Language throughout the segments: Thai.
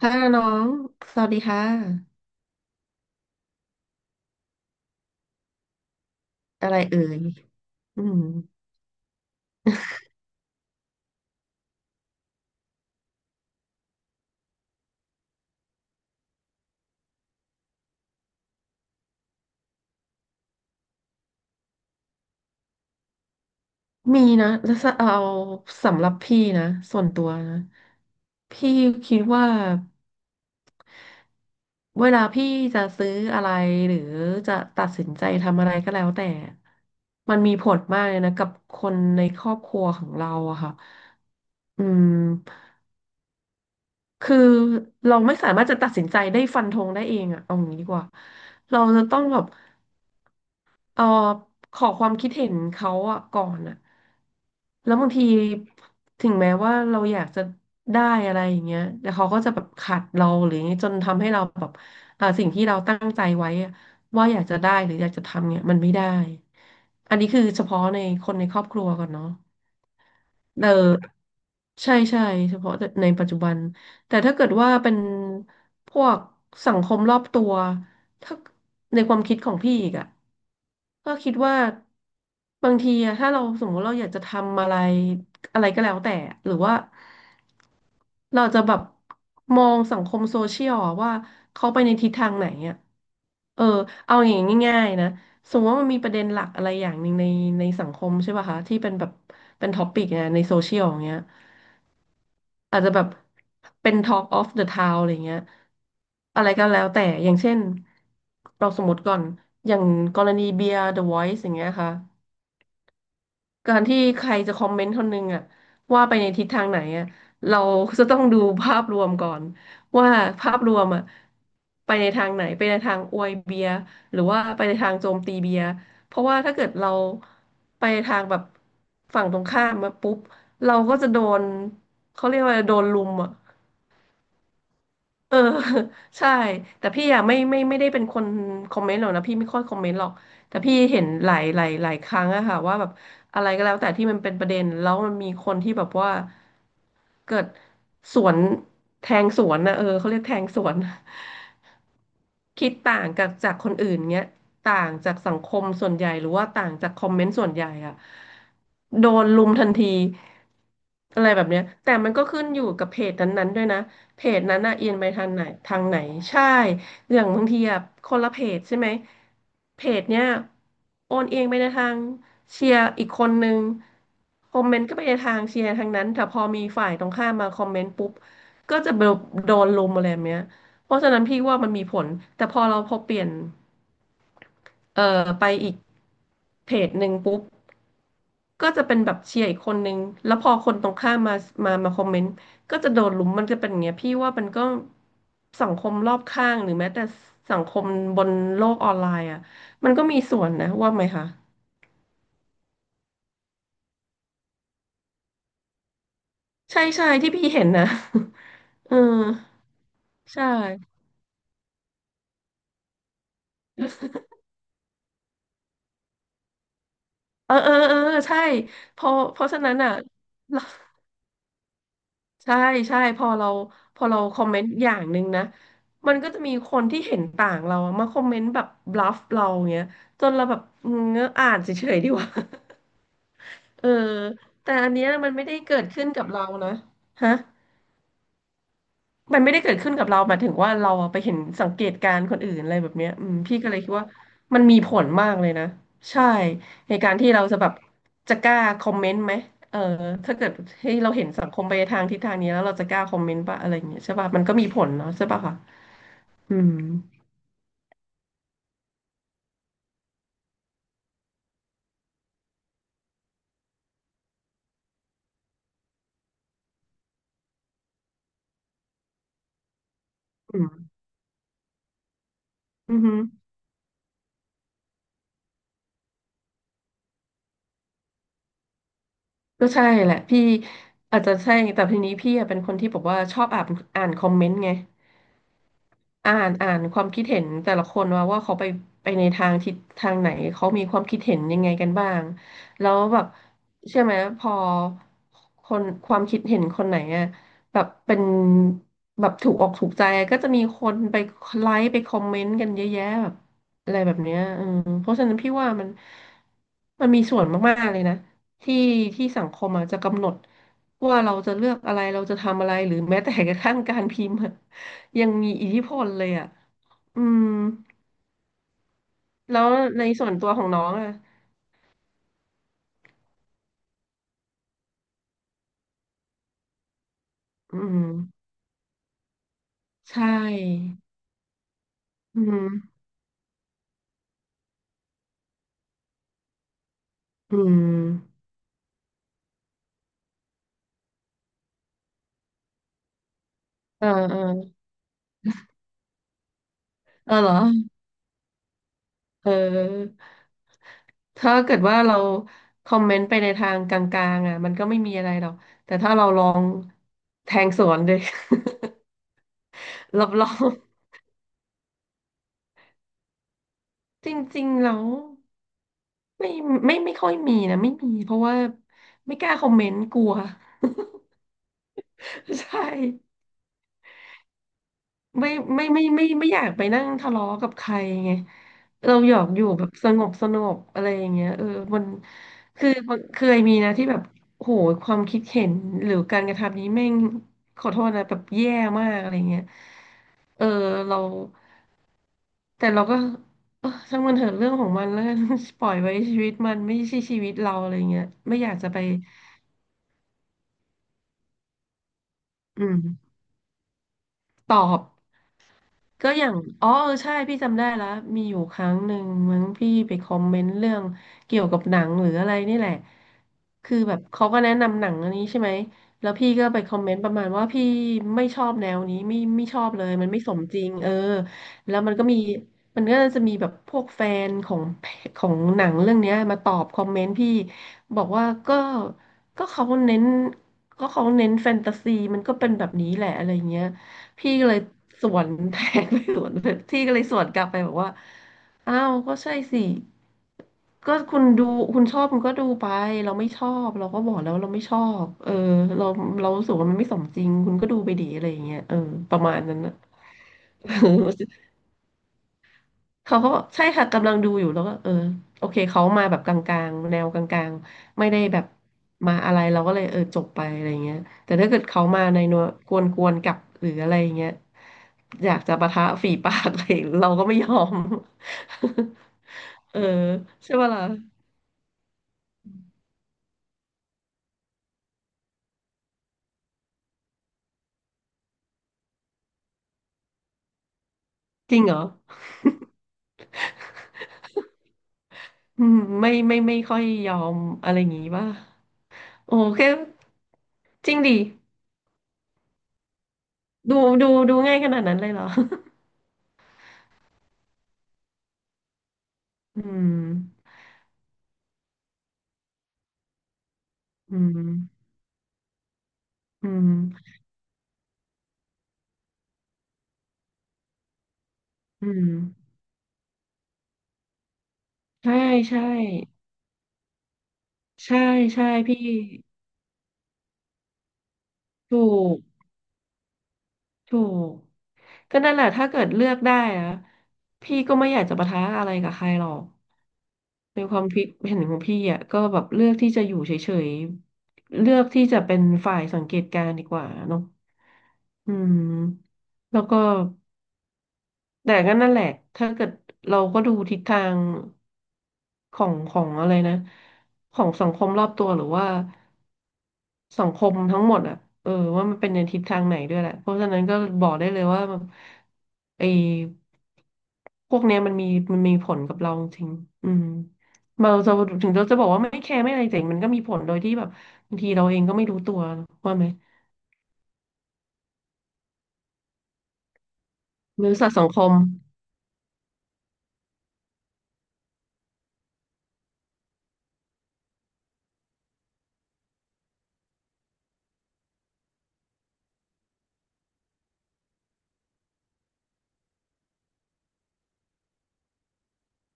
ค่ะน้องสวัสดีค่ะอะไรเอ่ยอืมมีนะแล้วจะเอาสำหรับพี่นะส่วนตัวนะพี่คิดว่าเวลาพี่จะซื้ออะไรหรือจะตัดสินใจทำอะไรก็แล้วแต่มันมีผลมากเลยนะกับคนในครอบครัวของเราอะค่ะอืมคือเราไม่สามารถจะตัดสินใจได้ฟันธงได้เองอะเอางี้ดีกว่าเราจะต้องแบบ เออขอความคิดเห็นเขาอะก่อนอะแล้วบางทีถึงแม้ว่าเราอยากจะได้อะไรอย่างเงี้ยแต่เขาก็จะแบบขัดเราหรืออย่างเงี้ยจนทำให้เราแบบสิ่งที่เราตั้งใจไว้อะว่าอยากจะได้หรืออยากจะทำเนี่ยมันไม่ได้อันนี้คือเฉพาะในคนในครอบครัวก่อนเนาะ เออใช่ใช่เฉพาะในปัจจุบันแต่ถ้าเกิดว่าเป็นพวกสังคมรอบตัวถ้าในความคิดของพี่อีกอะก็คิดว่าบางทีอะถ้าเราสมมติเราอยากจะทำอะไรอะไรก็แล้วแต่หรือว่าเราจะแบบมองสังคมโซเชียลอะว่าเขาไปในทิศทางไหนอะเออเอาอย่างง่ายๆนะ สมมติว่ามันมีประเด็นหลักอะไรอย่างหนึ่งในสังคมใช่ป่ะคะที่เป็นแบบเป็นท็อปิกเนี่ยในโซเชียลอย่างเงี้ยอาจจะแบบเป็น Talk of the Town อะไรเงี้ยอะไรก็แล้วแต่อย่างเช่นเราสมมติก่อนอย่างกรณีเบียร์ The Voice อย่างเงี้ยค่ะ การที่ใครจะคอมเมนต์คนหนึงอะว่าไปในทิศทางไหนอะเราจะต้องดูภาพรวมก่อนว่าภาพรวมอะไปในทางไหนไปในทางอวยเบียร์หรือว่าไปในทางโจมตีเบียร์เพราะว่าถ้าเกิดเราไปในทางแบบฝั่งตรงข้ามมาปุ๊บเราก็จะโดนเขาเรียกว่าโดนลุมอะ เออ ใช่แต่พี่อะไม่ได้เป็นคนคอมเมนต์หรอกนะพี่ไม่ค่อยคอมเมนต์หรอกแต่พี่เห็นหลายครั้งอะค่ะว่าแบบอะไรก็แล้วแต่ที่มันเป็นประเด็นแล้วมันมีคนที่แบบว่าเกิดสวนแทงสวนนะเออเขาเรียกแทงสวน คิดต่างกับจากคนอื่นเงี้ยต่างจากสังคมส่วนใหญ่หรือว่าต่างจากคอมเมนต์ส่วนใหญ่อะโดนลุมทันทีอะไรแบบเนี้ยแต่มันก็ขึ้นอยู่กับเพจนั้นๆด้วยนะเพจนั้นน่ะเอียงไปทางไหนใช่อย่างบางทีอะคนละเพจใช่ไหมเพจเนี้ยโอนเอียงไปในทางเชียร์อีกคนนึงคอมเมนต์ก็ไปในทางเชียร์ทางนั้นแต่พอมีฝ่ายตรงข้ามมาคอมเมนต์ปุ๊บก็จะโดนลุมอะไรแบบเนี้ย เพราะฉะนั้นพี่ว่ามันมีผลแต่พอเปลี่ยนไปอีกเพจหนึ่งปุ๊บ ก็จะเป็นแบบเชียร์อีกคนนึงแล้วพอคนตรงข้ามมาคอมเมนต์ก็จะโดนลุมมันจะเป็นอย่างเงี้ยพี่ว่ามันก็สังคมรอบข้างหรือแม้แต่สังคมบนโลกออนไลน์อ่ะมันก็มีส่วนนะว่าไหมคะใช่ใช่ที่พี่เห็นนะ เออ ใช่เออเออเออใช่เพราะฉะนั้นอ่ะ ใช่ใช่พอเราคอมเมนต์อย่างหนึ่งนะมันก็จะมีคนที่เห็นต่างเราอะมาคอมเมนต์แบบบลัฟเราเงี้ยจนเราแบบอืมงั้นอ่านเฉยๆดีกว่า เออแต่อันเนี้ยมันไม่ได้เกิดขึ้นกับเรานะฮะ มันไม่ได้เกิดขึ้นกับเราหมายถึงว่าเราอะไปเห็นสังเกตการณ์คนอื่นอะไรแบบเนี้ยอืมพี่ก็เลยคิดว่ามันมีผลมากเลยนะใช่ในการที่เราจะแบบจะกล้าคอมเมนต์ไหมเออถ้าเกิดให้เราเห็นสังคมไปทางทิศทางนี้แล้วเราจะกล้าคอมเมนต์ปะอะไรอย่างเงี้ยใช่ป่ะมันก็มีผลเนาะใช่ป่ะคะอืมอืมอือฮึก็ใช่แหละพี่อาจจะใช่แต่ทีนี้พี่อะเป็นคนที่บอกว่าชอบอ่านคอมเมนต์ไง อ่านความคิดเห็นแต่ละคนว่าเขาไปในทางทิศทางไหนเขามีความคิดเห็นยังไงกันบ้างแล้วแบบเชื่อไหมพอคนความคิดเห็นคนไหนอะแบบเป็นแบบถูกอกถูกใจก็จะมีคนไลค์ไปคอมเมนต์กันเยอะแยะแบบอะไรแบบเนี้ยอืมเพราะฉะนั้นพี่ว่ามันมีส่วนมากๆเลยนะที่สังคมอะจจะกำหนดว่าเราจะเลือกอะไรเราจะทำอะไรหรือแม้แต่กระทั่งการพิมพ์อะ ยังมีอิทธิพลเลยอ่ะ อืม แล้วในส่วนตัวของน้องอ่ะ อืม ใช่ อืม อืมเออเออเออเหรอเออถ้าเกิดว่าเราคอมเมนต์ไปในทางกลางๆอ่ะมันก็ไม่มีอะไรหรอกแต่ถ้าเราลองแทงสวนเลย รับรองจริงๆแล้วไม่ไม่ค่อยมีนะไม่มีเพราะว่าไม่กล้าคอมเมนต์กลัว ใช่ ไม่ไม่ไม่อยากไปนั่งทะเลาะกับใครไงเราอยากอยู่แบบสงบสงบอะไรอย่างเงี้ยเออมันคือมันเคยมีนะที่แบบโหความคิดเห็นหรือการกระทำนี้แม่งขอโทษนะแบบแย่มากอะไรเงี้ยเออเราแต่เราก็เออช่างมันเถอะเรื่องของมันแล้วกัน ปล่อยไว้ชีวิตมันไม่ใช่ชีวิตเราอะไรเงี้ยไม่อยากจะไปอืมตอบ ก็อย่างอ๋อเออใช่พี่จำได้แล้วมีอยู่ครั้งหนึ่งมั้งพี่ไปคอมเมนต์เรื่องเกี่ยวกับหนังหรืออะไรนี่แหละคือแบบเขาก็แนะนำหนังอันนี้ใช่ไหมแล้วพี่ก็ไปคอมเมนต์ประมาณว่าพี่ไม่ชอบแนวนี้ไม่ชอบเลยมันไม่สมจริงเออแล้วมันก็จะมีแบบพวกแฟนของของหนังเรื่องเนี้ยมาตอบคอมเมนต์พี่บอกว่าก็เขาเน้นก็เขาเน้นแฟนตาซีมันก็เป็นแบบนี้แหละอะไรเงี้ย พี่ก็เลยสวนแทงไปสวนเลยพี่ก็เลยสวนกลับไปบอกว่า อ้าว ก็ใช่สิ ก็คุณดูคุณชอบคุณก็ดูไปเราไม่ชอบเราก็บอกแล้วเราไม่ชอบ เออ เราเรารู้สึกว่ามันไม่สมจริงคุณก็ดูไปดีอะไรอย่างเงี้ยเออ ประมาณนั้นนะ เขาก็บใช่ค่ะกำลังดูอยู่แล้วก็เออโอเคเขามาแบบกลางๆแนวกลางๆไม่ได้แบบมาอะไรเราก็เลยเออจบไปอะไรเงี้ยแต่ถ้าเกิดเขามาในนัวกวนๆกลับหรืออะไรเงี้ยอยากจะปะทะฝีปากอะไรเราก็ไม่ยอม เออใช่ปะล่ะจริงเหรออืมไม่ไม่ค่อยยอมอะไรอย่างงี้ป่ะโอเคจริงดิดูดูง่ายขนาดนั้นเลยเหรออืมอืมอืมอืม ใช่ใช่ใช่พี่ถูกถูกก็นั่นแหละถ้าเกิดเลือกได้อะพี่ก็ไม่อยากจะปะทะอะไรกับใครหรอกในความคิดเห็นของพี่อ่ะก็แบบเลือกที่จะอยู่เฉยๆเลือกที่จะเป็นฝ่ายสังเกตการณ์ดีกว่าเนาะอืมแล้วก็แต่ก็นั่นแหละถ้าเกิดเราก็ดูทิศทางของของอะไรนะของสังคมรอบตัวหรือว่า สังคมทั้งหมดอ่ะเออว่ามันเป็นในทิศทางไหนด้วยแหละเพราะฉะนั้นก็บอกได้เลยว่าแบบไอ้พวกเนี้ยมันมีผลกับเราจริงๆอืมเราจะถึงเราจะบอกว่าไม่แคร์ไม่อะไรแต่มันก็มีผลโดยที่แบบบางทีเราเองก็ไม่รู้ตัวว่าไหมบริษัทสังคม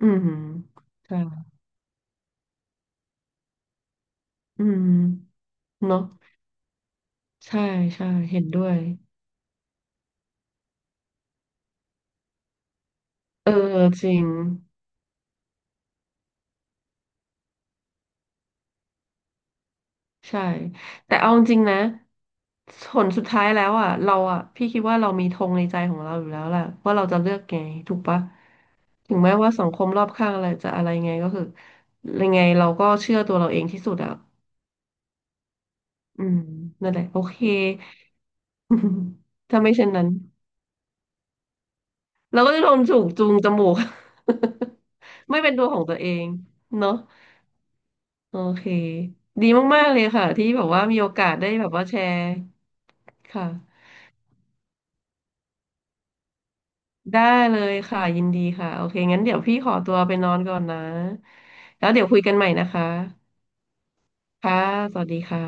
อืมใช่อืมเนาะใช่ใช่เห็นด้วยเออจริง ใช่แต่เอาจริงๆนะผลสุดท้ายแล้วอ่ะเราอ่ะพี่คิดว่าเรามีธงในใจของเราอยู่แล้วแหละว่าเราจะเลือกไงถูกปะถึงแม้ว่าสังคมรอบข้างอะไรจะอะไรไงก็คือยังไงเราก็เชื่อตัวเราเองที่สุดอ่ะอืมนั่นแหละโอเค ถ้าไม่เช่นนั้นเราก็จะโดนจูงจมูก ไม่เป็นตัวของตัวเองเนาะโอเคดีมากๆเลยค่ะที่แบบว่ามีโอกาสได้แบบว่าแชร์ค่ะ ได้เลยค่ะยินดีค่ะโอเคงั้นเดี๋ยวพี่ขอตัวไปนอนก่อนนะแล้วเดี๋ยวคุยกันใหม่นะคะค่ะสวัสดีค่ะ